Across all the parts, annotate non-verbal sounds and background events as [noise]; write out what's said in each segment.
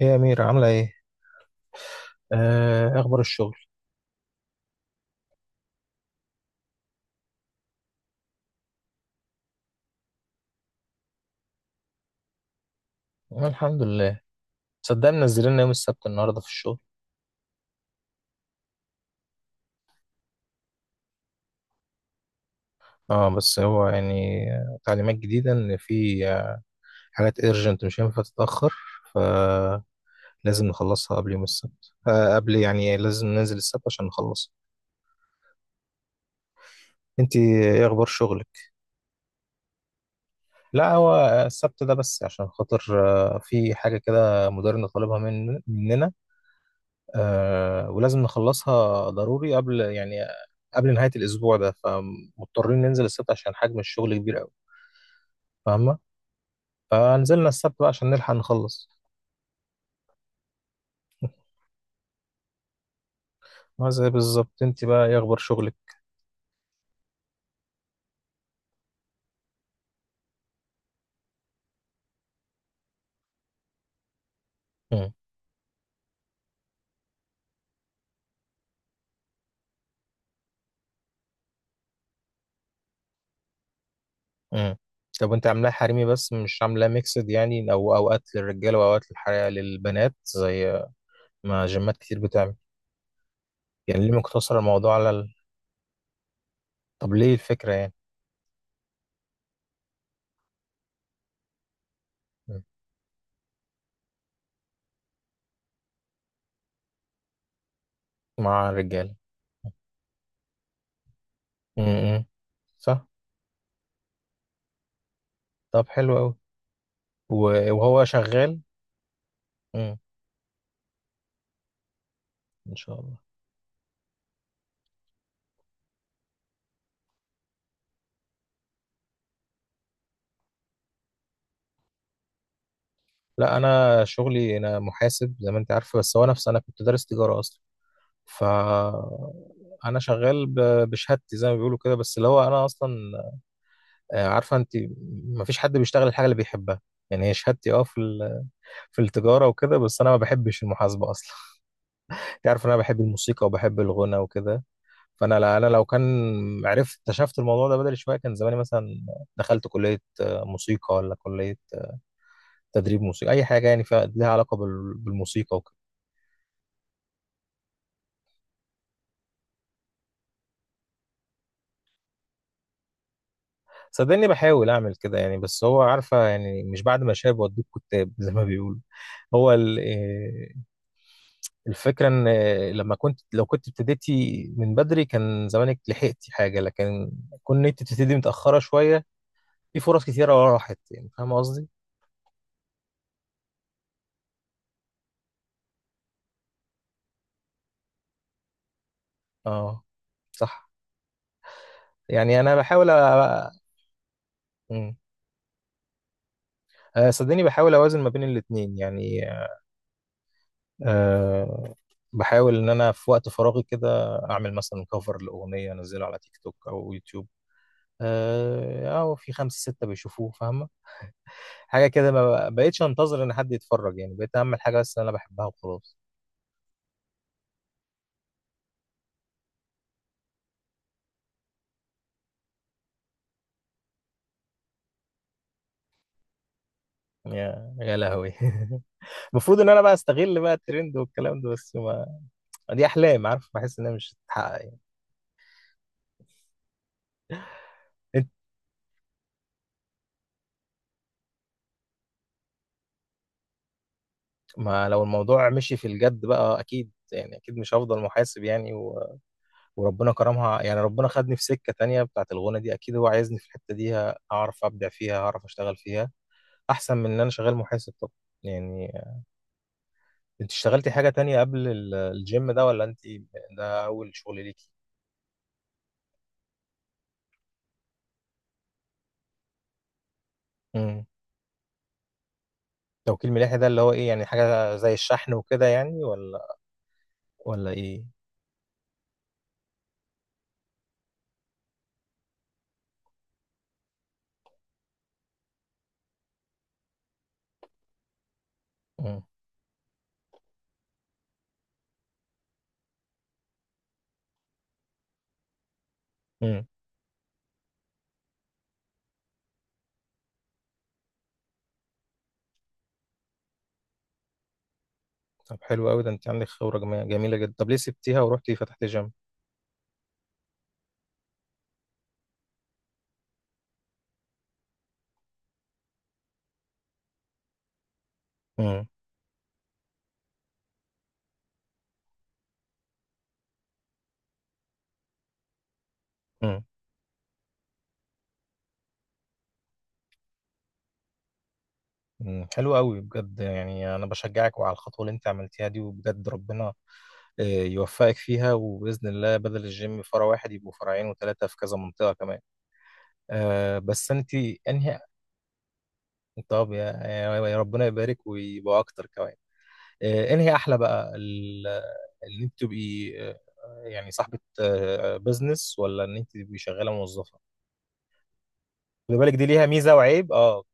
ايه يا أميرة عاملة ايه؟ آه أخبار الشغل؟ آه الحمد لله. صدق منزلين لنا يوم السبت النهاردة في الشغل. اه بس هو يعني تعليمات جديدة إن في حاجات ايرجنت مش هينفع تتأخر، فلازم نخلصها قبل يوم السبت، قبل يعني لازم ننزل السبت عشان نخلصها. انتي ايه أخبار شغلك؟ لا هو السبت ده بس عشان خاطر في حاجة كده مديرنا طالبها من مننا، ولازم نخلصها ضروري قبل يعني قبل نهاية الأسبوع ده، فمضطرين ننزل السبت عشان حجم الشغل كبير أوي. فاهمة؟ فنزلنا السبت بقى عشان نلحق نخلص. ما زي بالظبط. أنت بقى إيه أخبار شغلك؟ مم. مم. طب أنت عاملاه حريمي بس مش عاملاه ميكسد يعني، أو أوقات للرجالة وأوقات للحريقة للبنات زي ما جيمات كتير بتعمل؟ يعني ليه مقتصر الموضوع طب ليه الفكرة يعني؟ مم. مع الرجالة. مم. مم. صح؟ طب حلو أوي. وهو شغال؟ مم. ان شاء الله. لا انا شغلي، انا محاسب زي ما انت عارفه، بس هو نفسي، انا كنت دارس تجاره اصلا. ف انا شغال بشهادتي زي ما بيقولوا كده، بس اللي هو انا اصلا عارفه انت، ما فيش حد بيشتغل الحاجه اللي بيحبها. يعني هي شهادتي اه في في التجاره وكده، بس انا ما بحبش المحاسبه اصلا. [laughs] انت عارف إن انا بحب الموسيقى وبحب الغنى وكده. فانا لا انا لو كان عرفت اكتشفت الموضوع ده بدري شويه، كان زماني مثلا دخلت كليه موسيقى ولا كليه تدريب موسيقى، اي حاجه يعني فيها لها علاقه بالموسيقى وكده. صدقني بحاول اعمل كده يعني، بس هو عارفه يعني مش بعد ما شاب وديك كتاب [laughs] زي ما بيقولوا. هو الفكره ان لما كنت لو كنت ابتديتي من بدري كان زمانك لحقتي حاجه، لكن كون انت تبتدي متاخره شويه في فرص كتيره راحت يعني، فاهم قصدي. اه. صح. يعني انا بحاول مم. صدقني بحاول اوازن ما بين الاتنين يعني. آه، بحاول ان انا في وقت فراغي كده اعمل مثلا كفر لاغنيه، انزله على تيك توك او يوتيوب، اه او في خمسه سته بيشوفوه، فاهمه؟ حاجه كده، ما بقيتش انتظر ان حد يتفرج يعني، بقيت اعمل حاجه بس انا بحبها وخلاص. يا لهوي. [laughs] المفروض ان انا بقى استغل بقى الترند والكلام ده، بس ما دي احلام، عارف، بحس انها مش هتتحقق يعني. انت، ما لو الموضوع مشي في الجد بقى اكيد يعني، اكيد مش هفضل محاسب يعني. وربنا كرمها يعني، ربنا خدني في سكة تانية بتاعت الغنى دي، أكيد هو عايزني في الحتة دي أعرف أبدع فيها، أعرف أشتغل فيها أحسن من إن أنا شغال محاسب. طب يعني أنت اشتغلتي حاجة تانية قبل الجيم ده، ولا أنت ده أول شغل ليكي؟ امم. توكيل ملاحي ده اللي هو إيه يعني؟ حاجة زي الشحن وكده يعني، ولا إيه؟ امم. امم. طب حلو قوي ده، أنت عندك خبرة جميلة جدا. طب ليه سبتيها ورحتي فتحتي جيم؟ امم. امم. حلو قوي بجد يعني، انا بشجعك وعلى الخطوه اللي انت عملتيها دي، وبجد ربنا يوفقك فيها، وبإذن الله بدل الجيم فرع واحد يبقوا فرعين وثلاثة في كذا منطقة كمان. آه بس أنت. أنهي. طب يا ربنا يبارك ويبقوا أكتر كمان. آه. أنهي أحلى بقى إن أنت تبقي يعني صاحبة بزنس، ولا إن أنت تبقي شغالة موظفة؟ خدي بالك دي ليها ميزة وعيب، أه.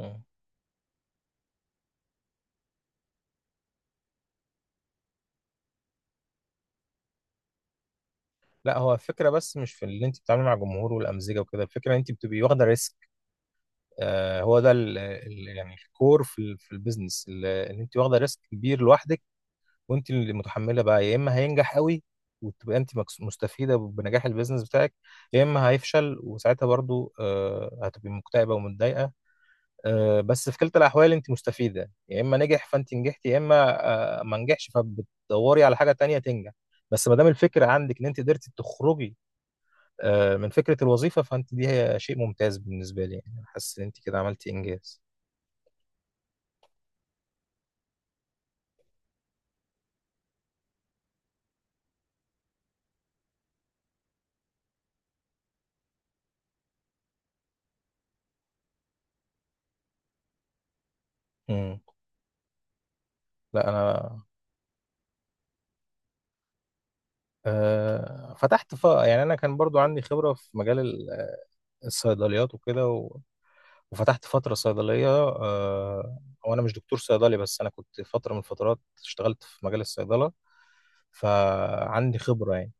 مم. لا هو الفكرة بس مش في اللي انت بتتعاملي مع الجمهور والأمزجة وكده، الفكرة ان انت بتبقي واخدة ريسك. آه هو ده ال يعني الكور في في البيزنس، ان انت واخدة ريسك كبير لوحدك، وانت اللي متحمله بقى. يا اما هينجح قوي وتبقى انت مستفيده بنجاح البيزنس بتاعك، يا اما هيفشل وساعتها برضو هتبقي مكتئبه ومتضايقه. بس في كلتا الاحوال انت مستفيده، يا اما نجح فانت نجحت، يا اما ما نجحش فبتدوري على حاجه تانية تنجح. بس ما دام الفكره عندك ان انت قدرتي تخرجي من فكره الوظيفه، فانت دي هي شيء ممتاز بالنسبه لي. يعني أنا حاسس ان انت كده عملتي انجاز. مم. لا انا فتحت يعني انا كان برضو عندي خبره في مجال الصيدليات وكده وفتحت فترة صيدلية. هو أنا مش دكتور صيدلي، بس أنا كنت فترة من الفترات اشتغلت في مجال الصيدلة، فعندي خبرة يعني.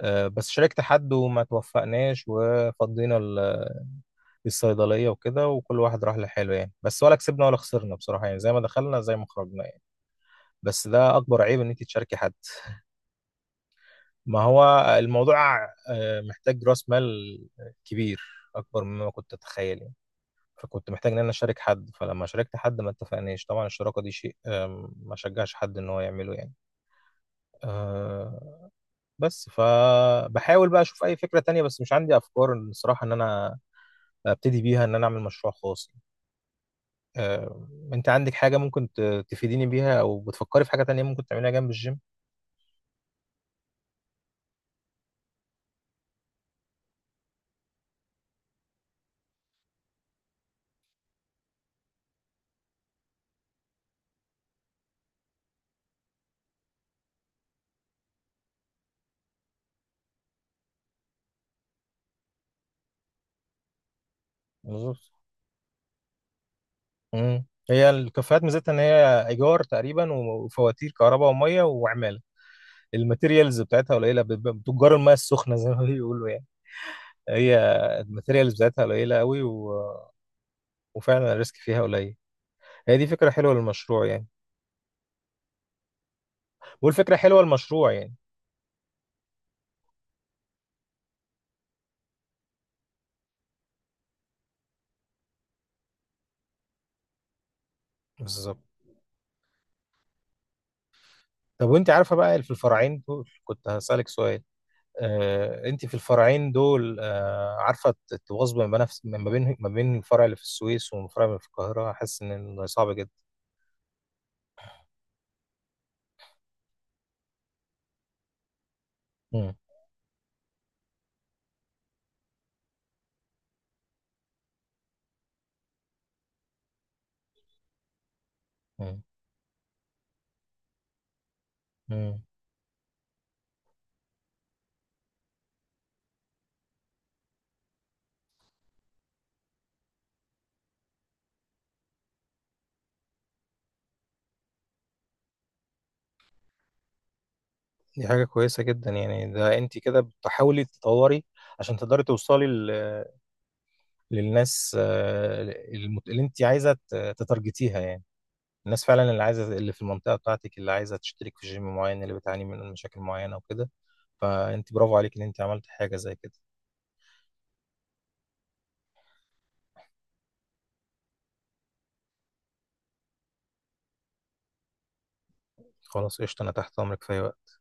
بس شاركت حد وما توفقناش، وفضينا الصيدلية وكده، وكل واحد راح لحاله يعني، بس ولا كسبنا ولا خسرنا بصراحة يعني، زي ما دخلنا زي ما خرجنا يعني. بس ده أكبر عيب إن أنت تشاركي حد. ما هو الموضوع محتاج رأس مال كبير، أكبر مما كنت أتخيل يعني. فكنت محتاج ان انا اشارك حد، فلما شاركت حد ما اتفقناش، طبعا الشراكه دي شيء ما شجعش حد ان هو يعمله يعني. آه، بس فبحاول بقى اشوف اي فكره تانية، بس مش عندي افكار إن الصراحه ان انا ابتدي بيها، ان انا اعمل مشروع خاص. آه، انت عندك حاجه ممكن تفيديني بيها، او بتفكري في حاجه تانية ممكن تعمليها جنب الجيم؟ بالظبط. مم. هي الكافيهات ميزتها ان هي ايجار تقريبا وفواتير كهرباء وميه وعماله، الماتيريالز بتاعتها قليله، بتجار الميه السخنه زي ما بيقولوا يعني. هي الماتيريالز بتاعتها قليله قوي، و... وفعلا الريسك فيها قليل. هي دي فكره حلوه للمشروع يعني. بقول فكره حلوه للمشروع يعني. بالظبط. طب وانت عارفه بقى في الفرعين دول، كنت هسالك سؤال. انت في الفرعين دول عارفه تواظب ما بين الفرع اللي في السويس والفرع اللي في القاهره؟ حاسس ان صعب جدا. مم. مم. مم. دي حاجه كويسه جدا يعني، ده انت كده بتحاولي تطوري عشان تقدري توصلي للناس اللي انت عايزه تتارجتيها يعني، الناس فعلا اللي عايزه، اللي في المنطقه بتاعتك، اللي عايزه تشترك في جيم معين، اللي بتعاني من مشاكل معينه وكده. فانت برافو عليك ان انت عملت حاجه زي كده. خلاص قشطه، انا تحت امرك في أي وقت.